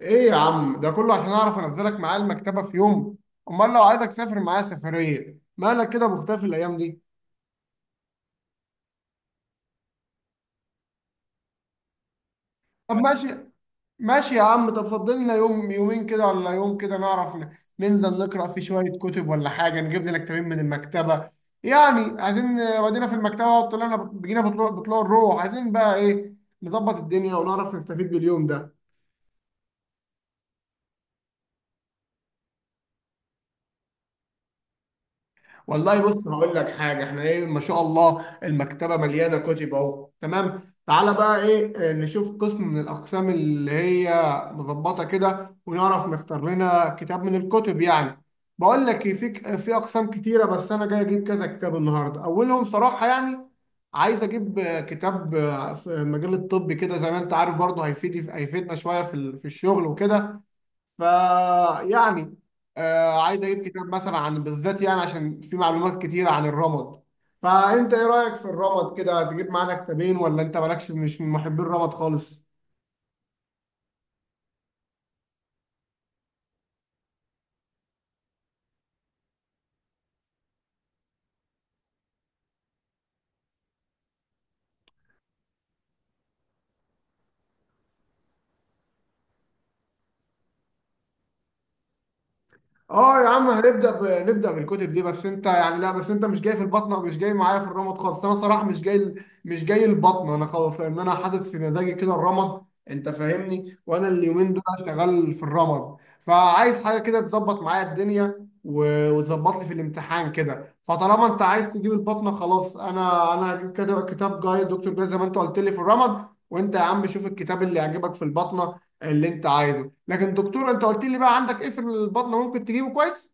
ايه يا عم ده كله عشان اعرف انزلك معايا المكتبه في يوم؟ امال لو عايزك تسافر معايا سفريه مالك كده مختفي الايام دي؟ طب ماشي، ماشي يا عم، طب فضل لنا يوم يومين كده ولا يوم كده نعرف ننزل نقرا في شويه كتب ولا حاجه، نجيب لنا كتابين من المكتبه، يعني عايزين ودينا في المكتبه وطلعنا بجينا بطلوع الروح، عايزين بقى ايه، نظبط الدنيا ونعرف نستفيد باليوم ده. والله بص هقول لك حاجه، احنا ايه، ما شاء الله المكتبه مليانه كتب اهو، تمام. تعالى بقى ايه، نشوف قسم من الاقسام اللي هي مظبطه كده ونعرف نختار لنا كتاب من الكتب يعني. بقول لك إيه، في اقسام كتيره، بس انا جاي اجيب كذا كتاب النهارده، اولهم صراحه يعني عايز اجيب كتاب في مجال الطب كده، زي ما انت عارف برضه هيفيدنا شويه في في الشغل وكده. فيعني عايز اجيب كتاب مثلا عن بالذات، يعني عشان في معلومات كتيرة عن الرمد. فانت ايه رأيك في الرمد كده، تجيب معانا كتابين ولا انت مالكش، مش من محبي الرمد خالص؟ اه يا عم هنبدا نبدا بالكتب دي، بس انت يعني لا، بس انت مش جاي في البطنه، مش جاي معايا في الرمد خالص، انا صراحه مش جاي مش جاي البطنه انا خلاص، لان انا حاطط في مزاجي كده الرمد. انت فاهمني؟ وانا اليومين دول شغال في الرمد، فعايز حاجه كده تظبط معايا الدنيا وتظبط لي في الامتحان كده، فطالما انت عايز تجيب البطنه خلاص، انا هجيب كده كتاب جاي، دكتور جاي زي ما انت قلت لي في الرمد، وانت يا عم شوف الكتاب اللي يعجبك في البطنه اللي انت عايزه. لكن دكتور، انت قلت لي بقى عندك ايه في البطنه ممكن تجيبه كويس؟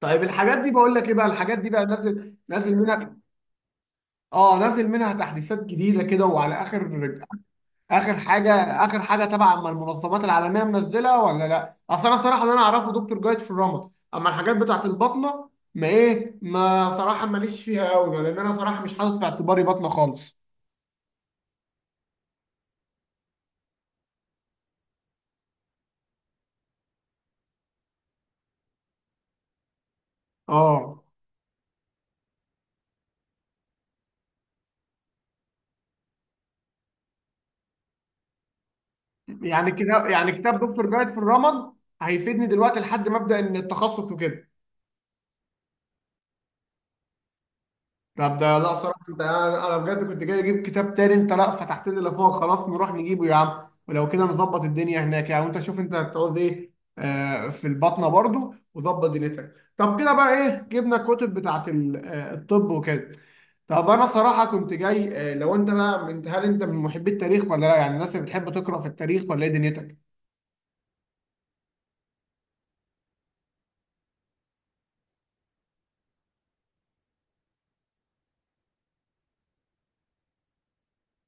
طيب الحاجات دي، بقول لك ايه بقى، الحاجات دي بقى نازل، منها. اه نازل منها تحديثات جديده كده، وعلى اخر، اخر حاجه، اخر حاجه، تبع اما المنظمات العالميه منزله ولا لا، اصل انا صراحه اللي انا اعرفه دكتور جايد في الرمد، اما الحاجات بتاعت البطنه ما ايه، ما صراحه ماليش فيها قوي، لان انا صراحه مش حاطط في اعتباري بطنه خالص. اه يعني كتاب، يعني كتاب دكتور جايد في الرمد هيفيدني دلوقتي لحد ما ابدا ان التخصص وكده. طب ده لا صراحة انت، انا بجد كنت جاي اجيب كتاب تاني، انت لا فتحت لي اللي فوق، خلاص نروح نجيبه يا عم، ولو كده نظبط الدنيا هناك يعني، وانت شوف انت هتعوز ايه. في البطنة برضو، وظبط دنيتك. طب كده بقى ايه، جبنا الكتب بتاعت الطب وكده. طب انا صراحة كنت جاي، لو انت بقى من، هل انت من محبي التاريخ ولا لا؟ يعني الناس اللي بتحب تقرأ في التاريخ ولا ايه دنيتك؟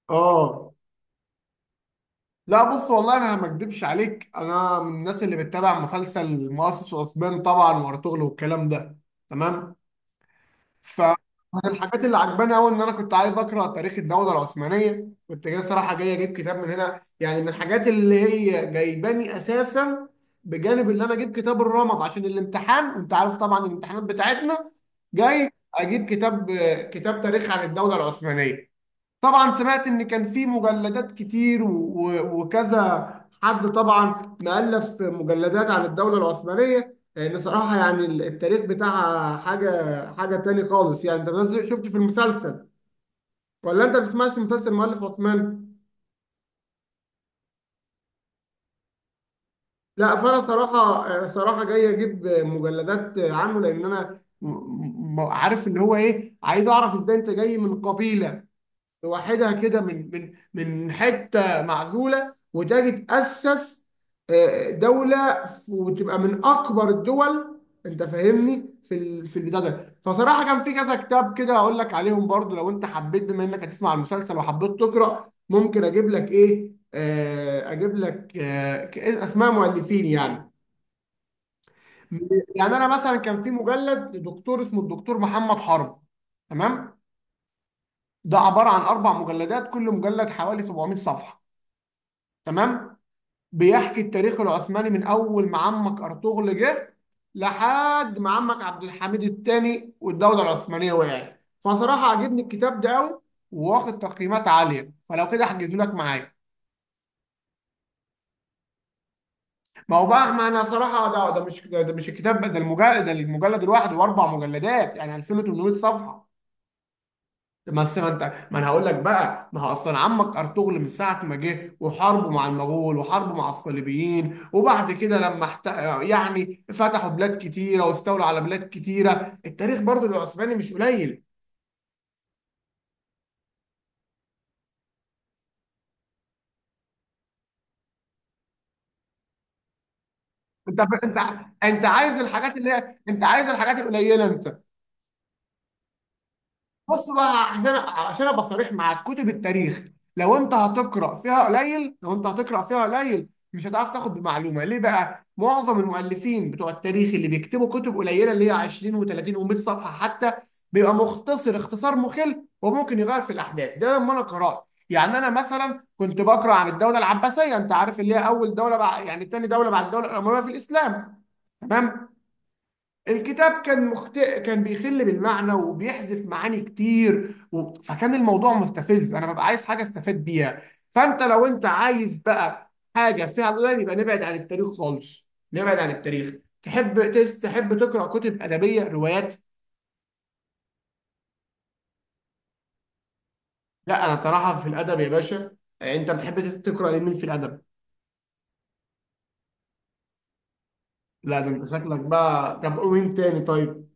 اه لا بص والله، انا ما اكدبش عليك، انا من الناس اللي بتتابع مسلسل مؤسس واسبان طبعا وارطغرل والكلام ده، تمام. فمن الحاجات اللي عجباني قوي ان انا كنت عايز اقرا تاريخ الدوله العثمانيه، كنت جاي صراحه، جاي اجيب كتاب من هنا يعني، من الحاجات اللي هي جايباني اساسا، بجانب اللي انا اجيب كتاب الرمد عشان الامتحان، انت عارف طبعا الامتحانات بتاعتنا. جاي اجيب كتاب، كتاب تاريخ عن الدوله العثمانيه، طبعا سمعت ان كان في مجلدات كتير وكذا حد طبعا مؤلف مجلدات عن الدولة العثمانية، لان صراحة يعني التاريخ بتاعها حاجة، حاجة تاني خالص يعني، انت بس شفت في المسلسل ولا انت بتسمعش مسلسل مؤلف عثمان؟ لا فانا صراحة، صراحة جاي اجيب مجلدات عنه، لان انا عارف اللي هو ايه، عايز اعرف ازاي انت جاي من قبيلة لوحدها كده من، من حته معزوله وتجي تاسس دوله وتبقى من اكبر الدول. انت فاهمني؟ في في البتاع ده، فصراحه كان في كذا كتاب كده اقول لك عليهم برضو، لو انت حبيت بما انك هتسمع المسلسل وحبيت تقرا، ممكن اجيب لك ايه، اجيب لك اسماء مؤلفين يعني. يعني انا مثلا كان في مجلد لدكتور اسمه الدكتور محمد حرب، تمام، ده عباره عن اربع مجلدات، كل مجلد حوالي 700 صفحه، تمام، بيحكي التاريخ العثماني من اول ما عمك ارطغرل جه لحد ما عمك عبد الحميد الثاني والدوله العثمانيه وقعت. فصراحه عجبني الكتاب ده قوي، واخد تقييمات عاليه، فلو كده احجزه لك معايا. ما هو بقى، ما انا صراحه ده، ده مش الكتاب ده، المجلد ده، المجلد الواحد، واربع مجلدات يعني 2800 صفحه. بس ما انت، ما انا هقول لك بقى، ما هو اصلا عمك ارطغرل من ساعه ما جه وحاربه مع المغول وحاربه مع الصليبيين، وبعد كده لما يعني فتحوا بلاد كتيره واستولوا على بلاد كتيره، التاريخ برضو العثماني مش قليل. انت انت عايز الحاجات اللي هي، انت عايز الحاجات القليله انت. بص بقى، عشان ابقى صريح معاك، كتب التاريخ لو انت هتقرا فيها قليل، لو انت هتقرا فيها قليل، مش هتعرف تاخد بمعلومه، ليه بقى؟ معظم المؤلفين بتوع التاريخ اللي بيكتبوا كتب قليله اللي هي 20 و30 و100 صفحه حتى، بيبقى مختصر اختصار مخل، وممكن يغير في الاحداث. ده لما انا قرات يعني، انا مثلا كنت بقرا عن الدوله العباسيه، انت عارف اللي هي اول دوله بعد يعني، تاني دوله بعد الدوله الامويه في الاسلام، تمام، الكتاب كان كان بيخل بالمعنى وبيحذف معاني كتير فكان الموضوع مستفز، انا ببقى عايز حاجه استفاد بيها. فانت لو انت عايز بقى حاجه فيها القران، يبقى نبعد عن التاريخ خالص، نبعد عن التاريخ. تحب تحب تقرا كتب ادبيه، روايات؟ لا انا صراحه في الادب يا باشا. انت بتحب تقرا لمين في الادب؟ لا ده انت شكلك بقى، طب قول مين تاني طيب.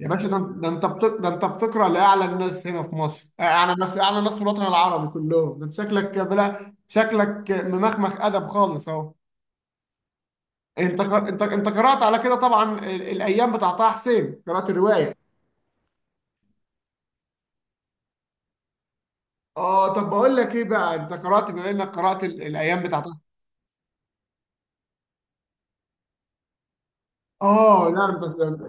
يا باشا ده، ده انت ده انت بتقرا لاعلى الناس هنا في مصر، اعلى ناس، اعلى ناس في الوطن العربي كلهم، ده انت شكلك بلا، شكلك ممخمخ ادب خالص اهو. انت انت قرات على كده طبعا الايام بتاع طه حسين، قرات الروايه. اه طب بقول لك ايه بقى، انت قرات بما انك قرات الايام بتاع. اه لا انت،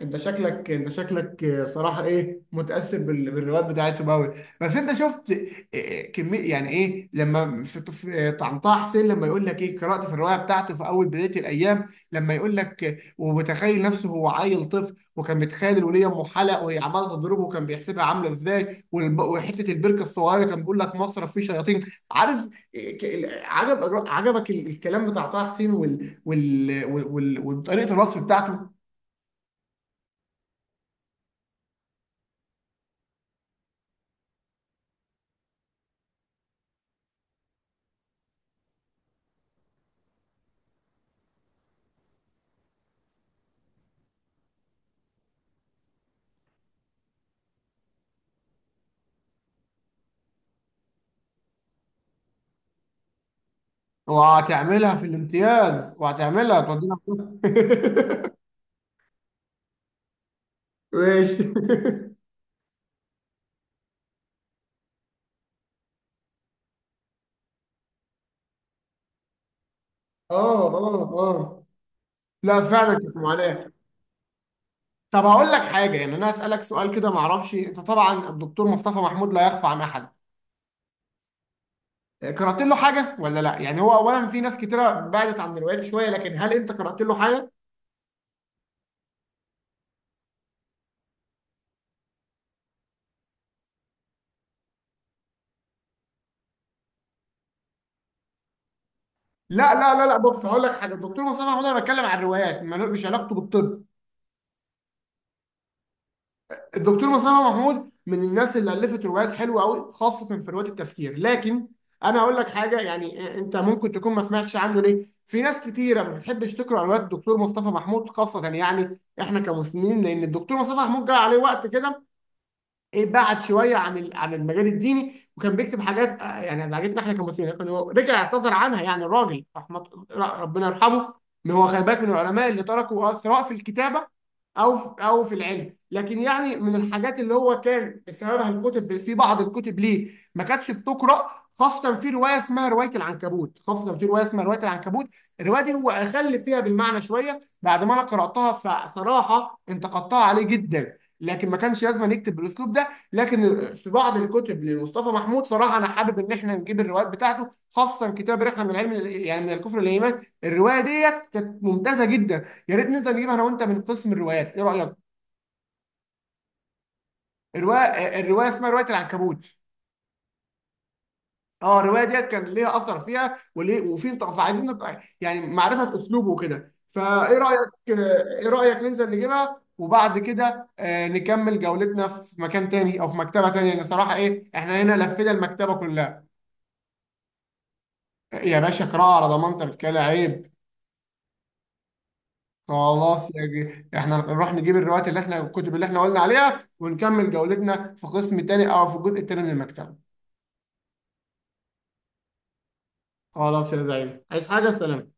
انت شكلك صراحه ايه، متاثر بالروايات بتاعتهم قوي. بس انت شفت إيه كميه، يعني ايه لما في طعنطاح حسين لما يقول لك ايه، قرات في الروايه بتاعته في اول بدايه الايام، لما يقول لك ومتخيل نفسه هو عيل طفل، وكان متخيل الوليه ام حلق وهي عماله تضربه وكان بيحسبها عامله ازاي، وحته البركه الصغيره كان بيقول لك مصرف فيه شياطين، عارف؟ إيه، عجب الكلام بتاع طه حسين وطريقه الوصف بتاعته. وهتعملها في الامتياز وهتعملها تودينا في ده. ماشي. اه، اه، اه، لا فعلا كانت معاناه. طب هقول لك حاجه، يعني انا هسالك سؤال كده، ما اعرفش انت طبعا الدكتور مصطفى محمود لا يخفى عن احد، قرات له حاجه ولا لا؟ يعني هو اولا في ناس كتيره بعدت عن الروايات شويه، لكن هل انت قرات له حاجه؟ لا بص هقول لك حاجه، الدكتور مصطفى محمود انا بتكلم عن الروايات ما مش علاقته بالطب. الدكتور مصطفى محمود من الناس اللي الفت روايات حلوه قوي، خاصه في روايه التفكير، لكن انا اقول لك حاجه يعني، انت ممكن تكون ما سمعتش عنه، ليه؟ في ناس كتيره ما بتحبش تقرا روايات الدكتور مصطفى محمود، خاصه يعني احنا كمسلمين، لان الدكتور مصطفى محمود جه عليه وقت كده ايه، بعد شويه عن عن المجال الديني، وكان بيكتب حاجات يعني عجبتنا احنا كمسلمين، كان هو رجع اعتذر عنها، يعني الراجل رحمه، ربنا يرحمه، ان هو خلي بالك من العلماء اللي تركوا أثر، سواء في الكتابه او في، او في العلم، لكن يعني من الحاجات اللي هو كان سببها الكتب، في بعض الكتب ليه ما كانتش بتقرا، خاصه في روايه اسمها روايه العنكبوت، الروايه دي هو اخل فيها بالمعنى شويه بعد ما انا قراتها، فصراحه انتقدتها عليه جدا، لكن ما كانش لازم يكتب بالاسلوب ده. لكن في بعض الكتب لمصطفى محمود صراحه انا حابب ان احنا نجيب الروايات بتاعته، خاصه كتاب رحله من علم، يعني من الكفر للايمان، الروايه ديت كانت ممتازه جدا، يا ريت ننزل نجيبها انا وانت من قسم الروايات، ايه رايك؟ الروايه، الروايه اسمها روايه العنكبوت. اه الروايه ديت كان ليها اثر فيها وليه، وفي فعايزين نبقى يعني معرفه اسلوبه وكده، فايه رايك؟ ايه رايك ننزل نجيبها وبعد كده نكمل جولتنا في مكان تاني او في مكتبه تانيه، لان صراحه ايه، احنا هنا لفينا المكتبه كلها. يا باشا قراءة على ضمانتك كده عيب. خلاص يا جي. احنا نروح نجيب الروايات اللي احنا، الكتب اللي احنا قلنا عليها، ونكمل جولتنا في قسم تاني او في الجزء التاني من المكتبة. خلاص يا زعيم، عايز حاجة؟ سلام.